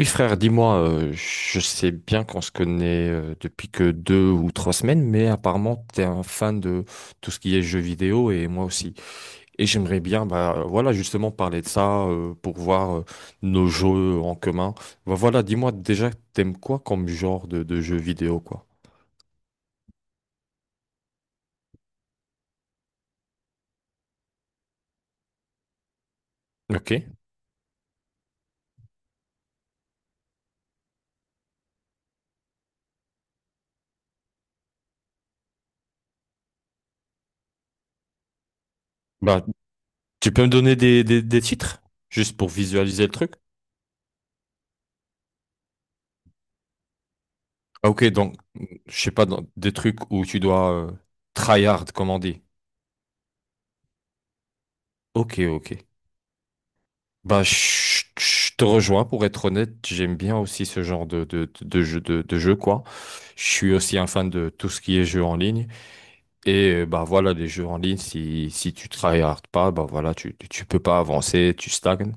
Oui, frère, dis-moi, je sais bien qu'on se connaît depuis que 2 ou 3 semaines, mais apparemment, t'es un fan de tout ce qui est jeux vidéo et moi aussi. Et j'aimerais bien, bah, voilà, justement parler de ça pour voir nos jeux en commun. Bah, voilà, dis-moi déjà, t'aimes quoi comme genre de jeux vidéo, quoi? Ok. Bah, tu peux me donner des titres, juste pour visualiser le truc? Ah, ok, donc, je sais pas, des trucs où tu dois tryhard, comme on dit. Ok, ok. Bah, je te rejoins, pour être honnête, j'aime bien aussi ce genre de, de jeu, de jeu, quoi. Je suis aussi un fan de tout ce qui est jeu en ligne. Et bah voilà, les jeux en ligne, si, si tu tryhard pas, bah voilà, tu, tu peux pas avancer, tu stagnes.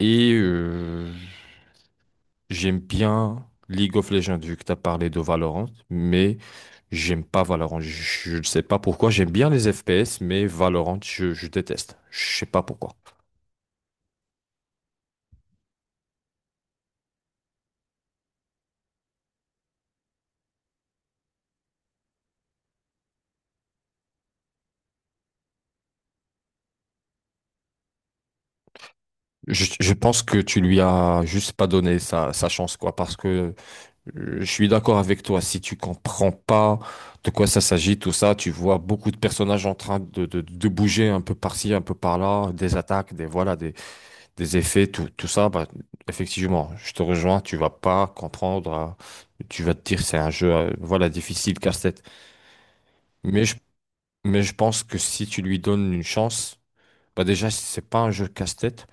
Et euh, J'aime bien League of Legends, vu que tu as parlé de Valorant, mais j'aime pas Valorant. Je ne sais pas pourquoi. J'aime bien les FPS, mais Valorant, je déteste. Je sais pas pourquoi. Je pense que tu lui as juste pas donné sa chance, quoi, parce que je suis d'accord avec toi. Si tu comprends pas de quoi ça s'agit, tout ça, tu vois beaucoup de personnages en train de, de bouger un peu par-ci, un peu par-là, des attaques, des voilà, des effets, tout, tout ça, bah, effectivement, je te rejoins, tu vas pas comprendre, hein, tu vas te dire c'est un jeu, voilà, difficile, casse-tête. Mais je, mais je pense que si tu lui donnes une chance, bah déjà, c'est pas un jeu casse-tête.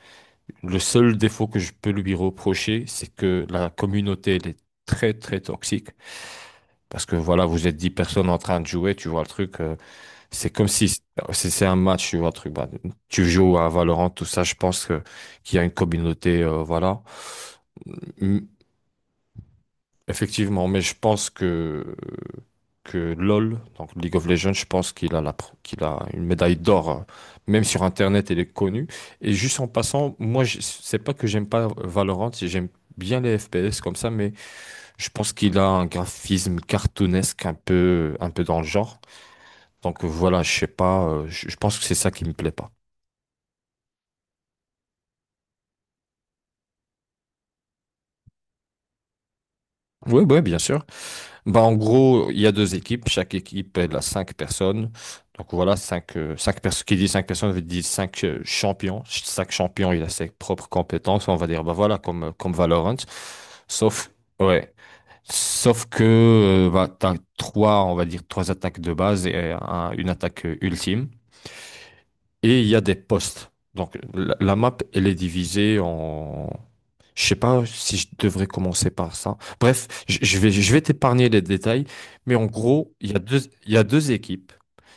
Le seul défaut que je peux lui reprocher, c'est que la communauté, elle est très, très toxique. Parce que voilà, vous êtes 10 personnes en train de jouer, tu vois le truc. C'est comme si c'est un match, tu vois, un truc. Bah, tu joues à Valorant, tout ça, je pense que qu'il y a une communauté, voilà. Mm. Effectivement, mais je pense que LoL, donc League of Legends, je pense qu'il a une médaille d'or, même sur Internet, il est connu. Et juste en passant, moi, c'est pas que j'aime pas Valorant, j'aime bien les FPS comme ça, mais je pense qu'il a un graphisme cartoonesque un peu dans le genre. Donc voilà, je sais pas, je pense que c'est ça qui me plaît pas. Oui, oui, bien sûr. Bah, en gros, il y a deux équipes. Chaque équipe, elle a 5 personnes. Donc voilà, 5, 5 personnes. Qui dit 5 personnes, veut dire 5 champions. Chaque champion, il a ses propres compétences. On va dire, bah voilà, comme, comme Valorant. Sauf, ouais. Sauf que, bah, t'as trois, on va dire, trois attaques de base et une attaque ultime. Et il y a des postes. Donc la map, elle est divisée. Je sais pas si je devrais commencer par ça. Bref, je vais t'épargner les détails, mais en gros, il y a deux, il y a deux équipes.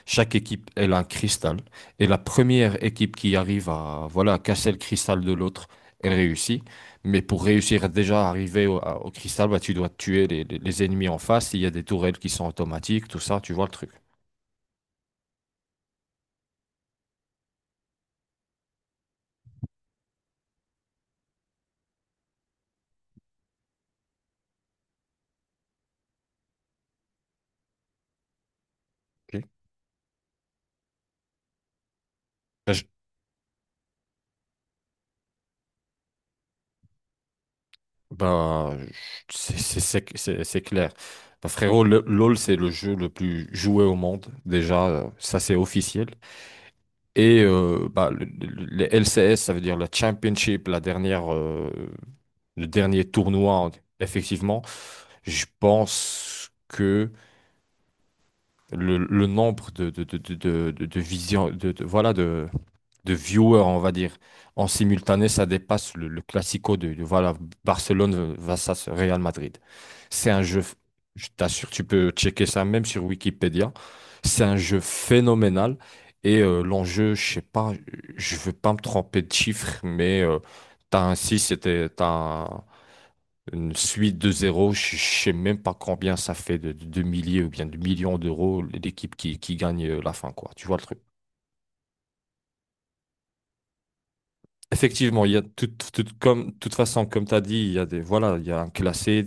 Chaque équipe, elle a un cristal. Et la première équipe qui arrive à, voilà, à casser le cristal de l'autre, elle réussit. Mais pour réussir à déjà arriver au cristal, bah, tu dois tuer les, les ennemis en face. Il y a des tourelles qui sont automatiques, tout ça, tu vois le truc. Ok. Bah, c'est clair. Bah, frérot, LOL, c'est le jeu le plus joué au monde. Déjà, ça, c'est officiel. Et bah, les LCS, ça veut dire la Championship, la dernière, le dernier tournoi, effectivement. Je pense que le, le nombre de voilà, de viewers, on va dire. En simultané, ça dépasse le classico de, voilà, Barcelone versus Real Madrid. C'est un jeu, je t'assure, tu peux checker ça même sur Wikipédia. C'est un jeu phénoménal. Et l'enjeu, je sais pas, je veux pas me tromper de chiffres, mais t'as un 6 c'était une suite de zéro je sais même pas combien ça fait de, de milliers ou bien de millions d'euros l'équipe qui gagne la fin, quoi. Tu vois le truc? Effectivement, il y a tout, comme, toute façon, comme tu as dit, il y a des, voilà, il y a un classé.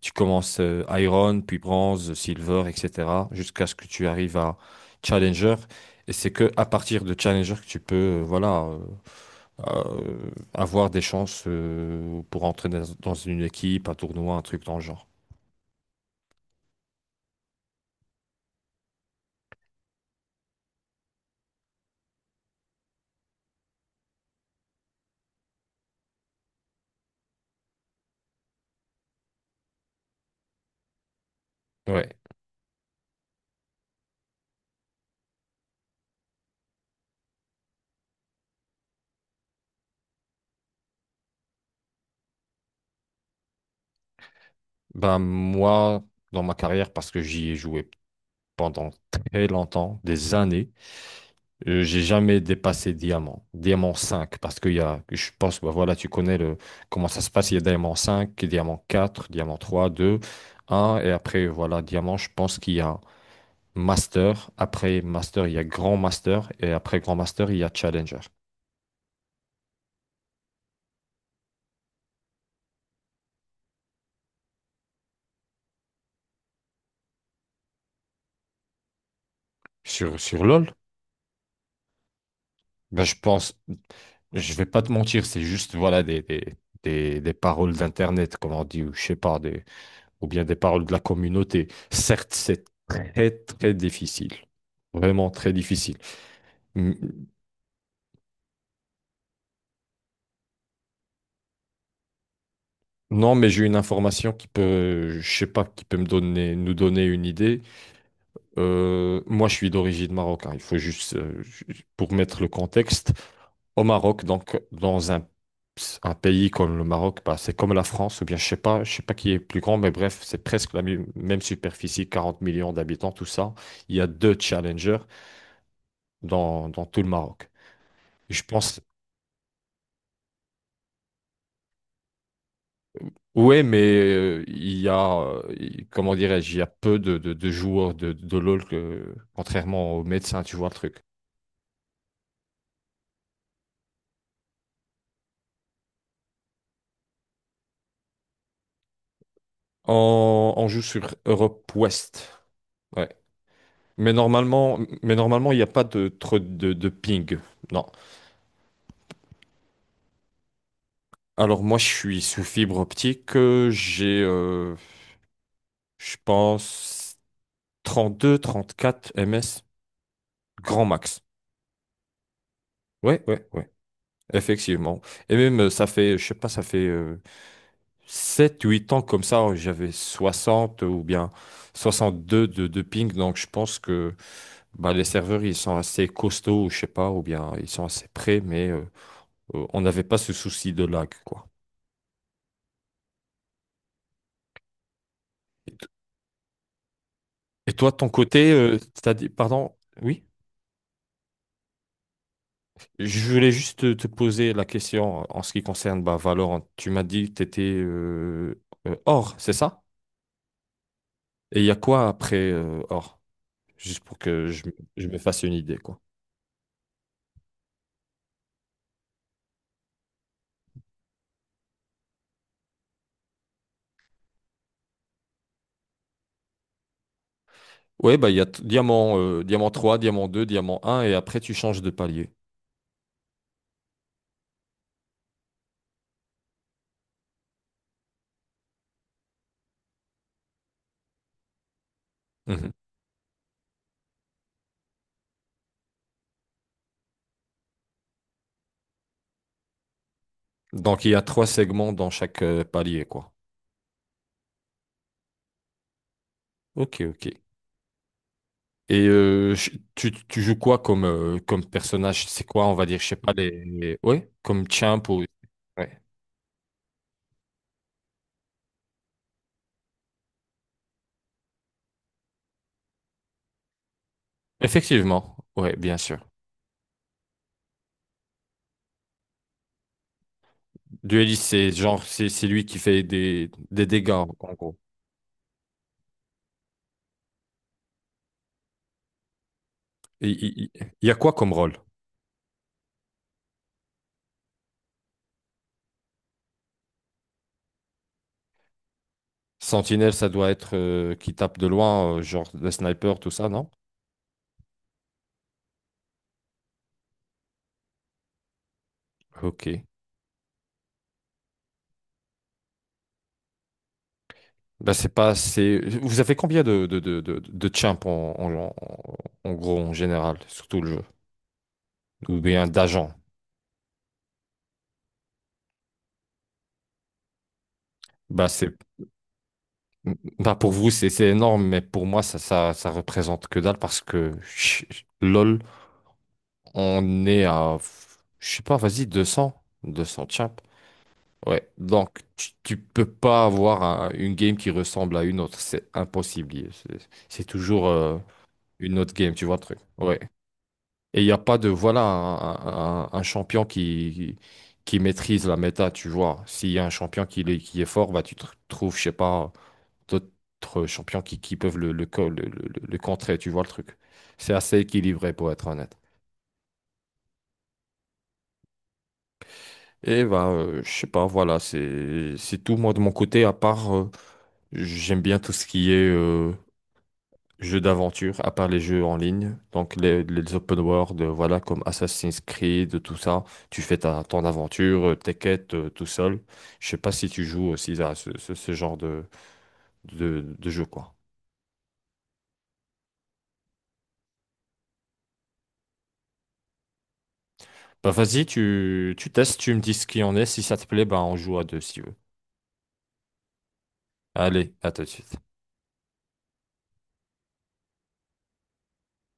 Tu commences Iron, puis Bronze, Silver, etc. jusqu'à ce que tu arrives à Challenger. Et c'est que à partir de Challenger que tu peux, voilà, avoir des chances pour entrer dans, dans une équipe, un tournoi, un truc dans le genre. Ouais. Ben moi, dans ma carrière, parce que j'y ai joué pendant très longtemps, des années. J'ai jamais dépassé diamant, diamant 5 parce qu'il y a, je pense, bah voilà, tu connais le, comment ça se passe, il y a diamant 5 diamant 4 diamant trois deux un et après, voilà, diamant, je pense qu'il y a master, après master, il y a grand master, et après grand master, il y a challenger. Sur, sur LoL, ben je pense, je vais pas te mentir, c'est juste, voilà, des paroles d'internet, comme on dit, ou je sais pas, des, ou bien des paroles de la communauté. Certes, c'est très, très difficile. Vraiment très difficile. M- Non, mais j'ai une information qui peut, je sais pas, qui peut me donner, nous donner une idée. Moi, je suis d'origine marocaine. Il faut juste, pour mettre le contexte, au Maroc, donc un pays comme le Maroc, bah, c'est comme la France, ou bien je sais pas qui est plus grand, mais bref, c'est presque même superficie, 40 millions d'habitants, tout ça. Il y a 2 challengers dans tout le Maroc. Je pense, ouais, mais il y a, comment dirais-je, il y a peu de, de joueurs de LoL que, contrairement aux médecins, tu vois le truc. On joue sur Europe Ouest, ouais. Mais normalement, il n'y a pas de trop de ping, non. Alors moi, je suis sous fibre optique, j'ai, je pense, 32, 34 ms, grand max. Ouais, ouais, ouais, effectivement. Et même, ça fait, je sais pas, ça fait 7 8 ans comme ça, j'avais 60 ou bien 62 de ping. Donc, je pense que bah, les serveurs, ils sont assez costauds, je sais pas, ou bien ils sont assez prêts, mais on n'avait pas ce souci de lag, quoi. Et, t- et toi, de ton côté, t'as dit, pardon, oui? Je voulais juste te, te poser la question en ce qui concerne bah, Valorant. Tu m'as dit que tu étais Or, c'est ça? Et il y a quoi après Or? Juste pour que je me fasse une idée, quoi. Ouais, bah, il y a t- diamant, diamant 3 diamant 2 diamant un et après tu changes de palier. Mhm. Donc il y a trois segments dans chaque palier, quoi. Ok, ok. Et tu, tu joues quoi comme, comme personnage? C'est quoi, on va dire, je sais pas, les... Ouais, comme champ ou... Ouais. Effectivement, ouais, bien sûr. Dueliste, c'est genre, c'est lui qui fait des dégâts, en gros. Et Il il- il y a quoi comme rôle? Sentinelle, ça doit être qui tape de loin, genre le sniper, tout ça, non? Ok. Bah, c'est pas assez. Vous avez combien de champs en- en gros, en général, sur tout le jeu? Ou bien d'agents? Bah, c'est, bah, pour vous, c'est énorme, mais pour moi, ça, ça représente que dalle parce que LOL, on est à, je sais pas, vas-y, deux cents champs. Ouais, donc tu peux pas avoir une game qui ressemble à une autre, c'est impossible. C'est toujours une autre game, tu vois le truc. Ouais. Et il n'y a pas de, voilà, un, un champion qui maîtrise la méta, tu vois. S'il y a un champion qui, qui est fort, bah, tu trouves, je sais pas, d'autres champions qui peuvent le, le contrer, tu vois le truc. C'est assez équilibré, pour être honnête. Et bah, je sais pas, voilà, c'est tout, moi, de mon côté, à part, j'aime bien tout ce qui est, jeux d'aventure, à part les jeux en ligne, donc les open world, voilà, comme Assassin's Creed, tout ça, tu fais ta, ton aventure, tes quêtes, tout seul. Je sais pas si tu joues aussi à ce, ce genre de, de jeu, quoi. Bah vas-y, tu testes, tu me dis ce qu'il en est, si ça te plaît, bah on joue à deux si tu veux. Allez, à tout de suite.